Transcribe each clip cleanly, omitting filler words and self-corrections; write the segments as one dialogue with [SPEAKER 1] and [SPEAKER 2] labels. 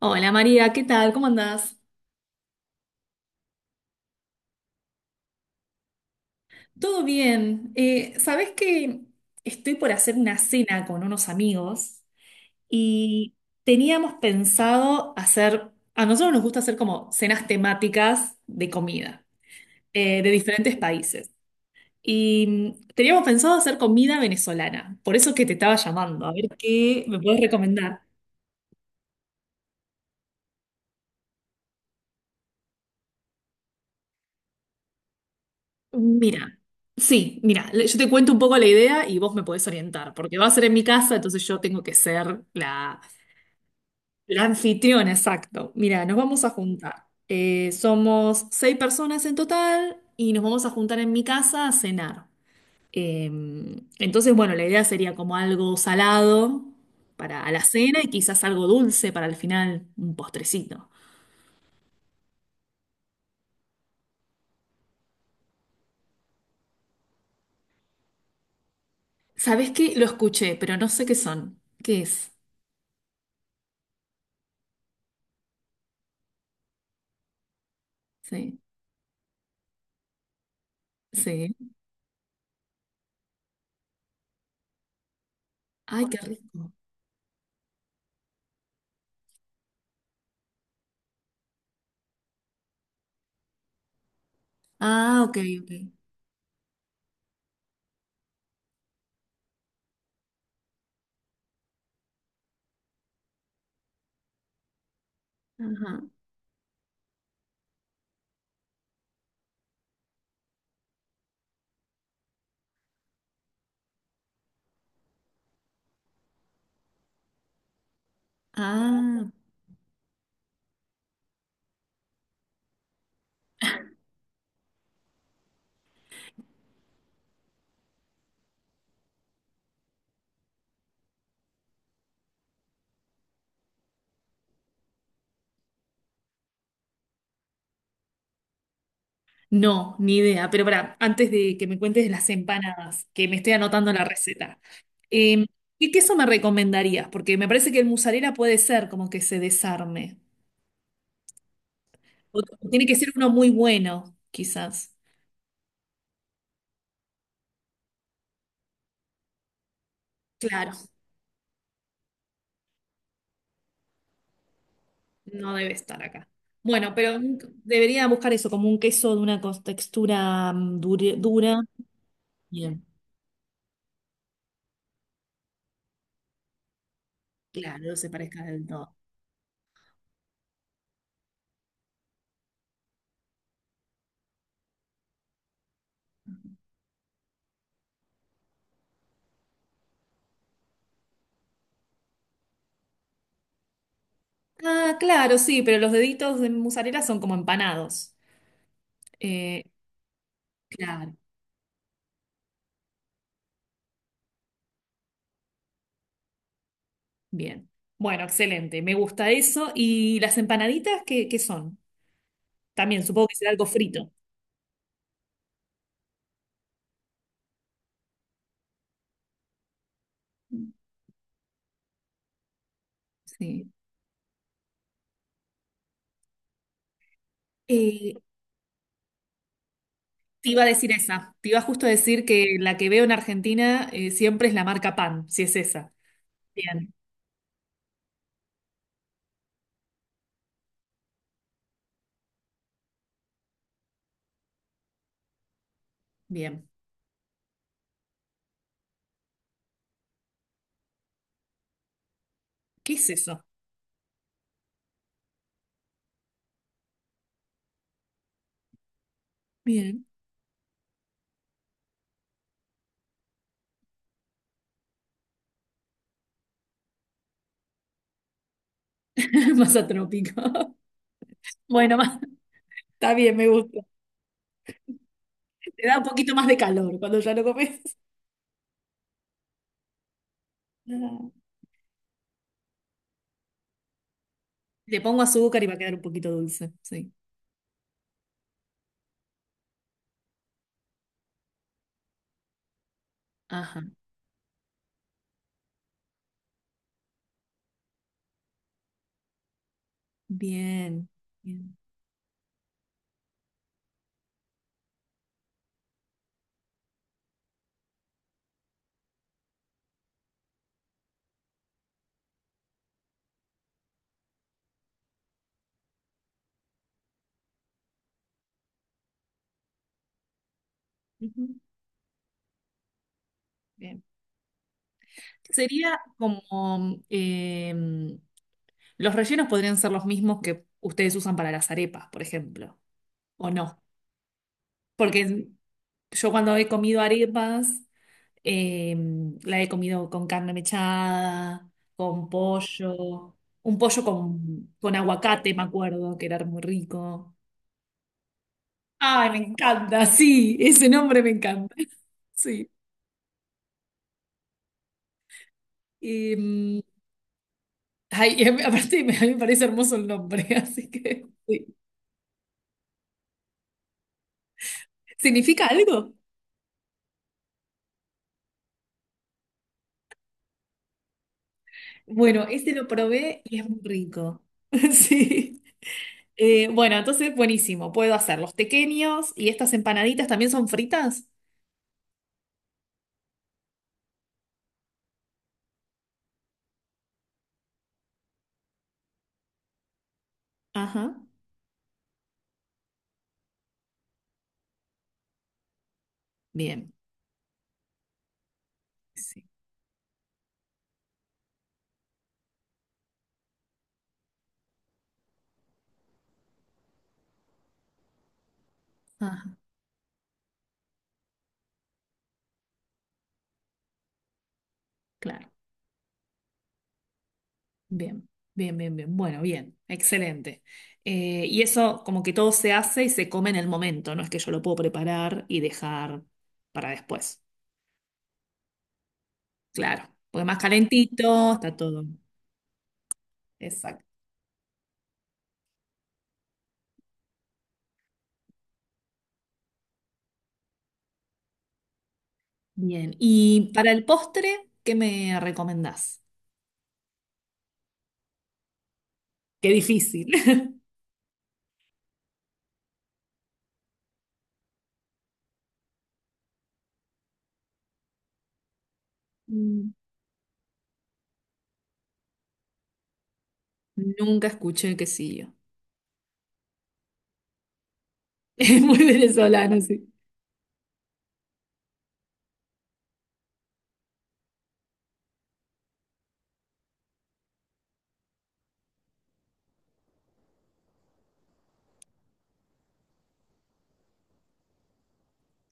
[SPEAKER 1] Hola María, ¿qué tal? ¿Cómo andás? Todo bien. ¿Sabés que estoy por hacer una cena con unos amigos y teníamos pensado hacer, a nosotros nos gusta hacer como cenas temáticas de comida de diferentes países. Y teníamos pensado hacer comida venezolana, por eso es que te estaba llamando, a ver qué me puedes recomendar. Mira, sí, mira, yo te cuento un poco la idea y vos me podés orientar, porque va a ser en mi casa, entonces yo tengo que ser la anfitriona, exacto. Mira, nos vamos a juntar. Somos seis personas en total y nos vamos a juntar en mi casa a cenar. Eh, entonces, bueno, la idea sería como algo salado para a la cena y quizás algo dulce para al final, un postrecito. ¿Sabés qué? Lo escuché, pero no sé qué son. ¿Qué es? Sí, sí. Ay, qué rico. Ah, ok, ok. Ajá. Ah. No, ni idea. Pero para, antes de que me cuentes de las empanadas, que me estoy anotando la receta, eh, ¿qué queso me recomendarías? Porque me parece que el mozzarella puede ser como que se desarme. O tiene que ser uno muy bueno, quizás. Claro, no debe estar acá. Bueno, pero debería buscar eso, como un queso de una textura dura. Bien. Claro, no se parezca del todo. Ah, claro, sí, pero los deditos de mozzarella son como empanados. Eh, claro. Bien. Bueno, excelente. Me gusta eso. ¿Y las empanaditas qué, qué son? También supongo que será algo frito. Sí. Eh, Te iba a decir esa. Te iba justo a decir que la que veo en Argentina siempre es la marca Pan, si es esa. Bien, bien. ¿Qué es eso? Bien. Masa trópico. Bueno, está bien, me gusta. Te da un poquito más de calor cuando ya lo comes. Ah. Le pongo azúcar y va a quedar un poquito dulce. Sí. Ajá. Bien. Bien. Ujú. Bien. Sería como em, los rellenos podrían ser los mismos que ustedes usan para las arepas, por ejemplo, o no. Porque yo cuando he comido arepas, la he comido con carne mechada, con pollo, un pollo con aguacate, me acuerdo, que era muy rico. Ay, me encanta, sí, ese nombre me encanta. Sí. Em, ay, y aparte me, a mí me parece hermoso el nombre, así que sí. ¿Significa algo? Bueno, este lo probé y es muy rico. Sí. Bueno, entonces buenísimo. Puedo hacer los tequeños y estas empanaditas también son fritas. Ajá. Bien. Sí. Ajá. Claro. Bien. Bien, bien, bien. Bueno, bien. Excelente. Y eso como que todo se hace y se come en el momento. No es que yo lo puedo preparar y dejar para después. Claro. Porque más calentito está todo. Exacto. Bien. Y para el postre, ¿qué me recomendás? Qué difícil. Mm. Nunca escuché quesillo. Es muy venezolano, sí.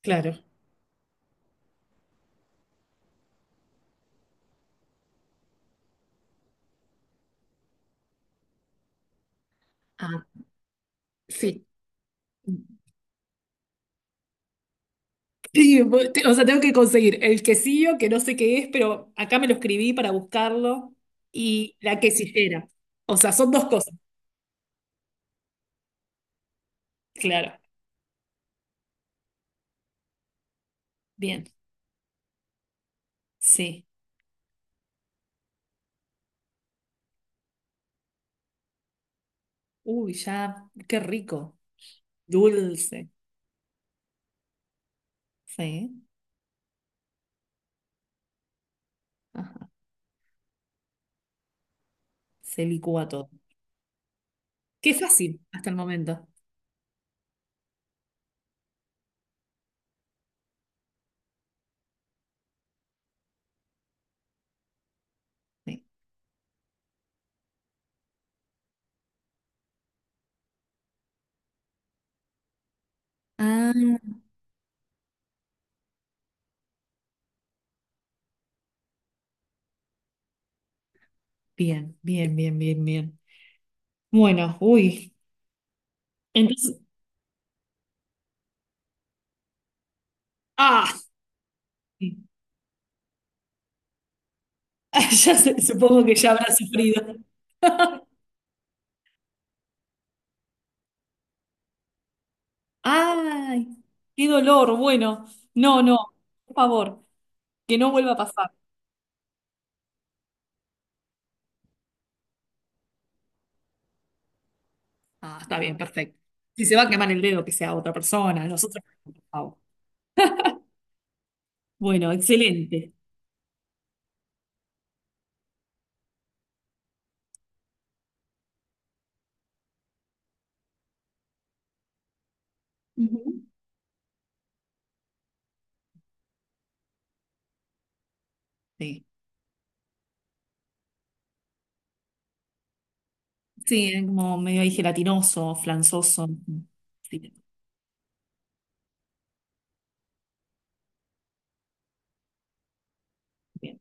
[SPEAKER 1] Claro. Ah, sí. Sí, o sea, tengo que conseguir el quesillo, que no sé qué es, pero acá me lo escribí para buscarlo, y la quesillera. O sea, son dos cosas. Claro. Bien. Sí. Uy, ya, qué rico. Dulce. Sí. Ajá. Se licúa todo. Qué fácil hasta el momento. Sí. Ah, bien, bien, bien, bien, bien. Bueno, uy. Entonces, ah, supongo que ya habrá sufrido. Ay, qué dolor. Bueno, no, no, por favor, que no vuelva a pasar. Ah, está bien, perfecto. Si se va a quemar el dedo, que sea otra persona, nosotros, por favor. Bueno, excelente. Ujú. Sí, sí, es como medio ahí gelatinoso, flanzoso. Sí, bien.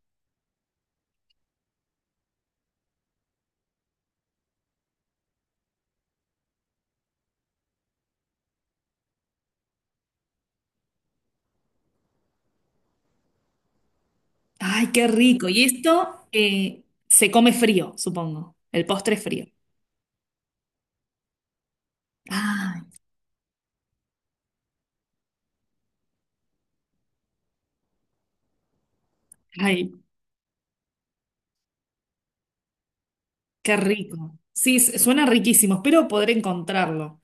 [SPEAKER 1] Ay, qué rico. Y esto se come frío, supongo. El postre es frío. Ay, ay, qué rico. Sí, suena riquísimo. Espero poder encontrarlo.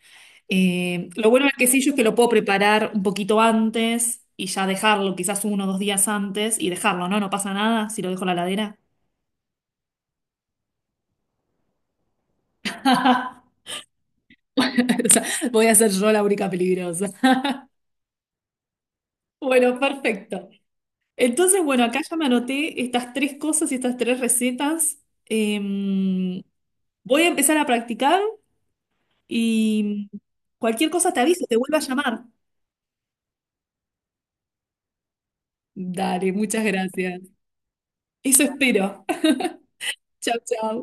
[SPEAKER 1] Lo bueno del quesillo es que lo puedo preparar un poquito antes y ya dejarlo, quizás 1 o 2 días antes y dejarlo, ¿no? No pasa nada si lo dejo en la ladera. O sea, voy a ser yo la única peligrosa. Bueno, perfecto. Entonces, bueno, acá ya me anoté estas tres cosas y estas tres recetas. Eh, Voy a empezar a practicar y cualquier cosa te aviso, te vuelvo a llamar. Dale, muchas gracias. Eso espero. Chao, chao.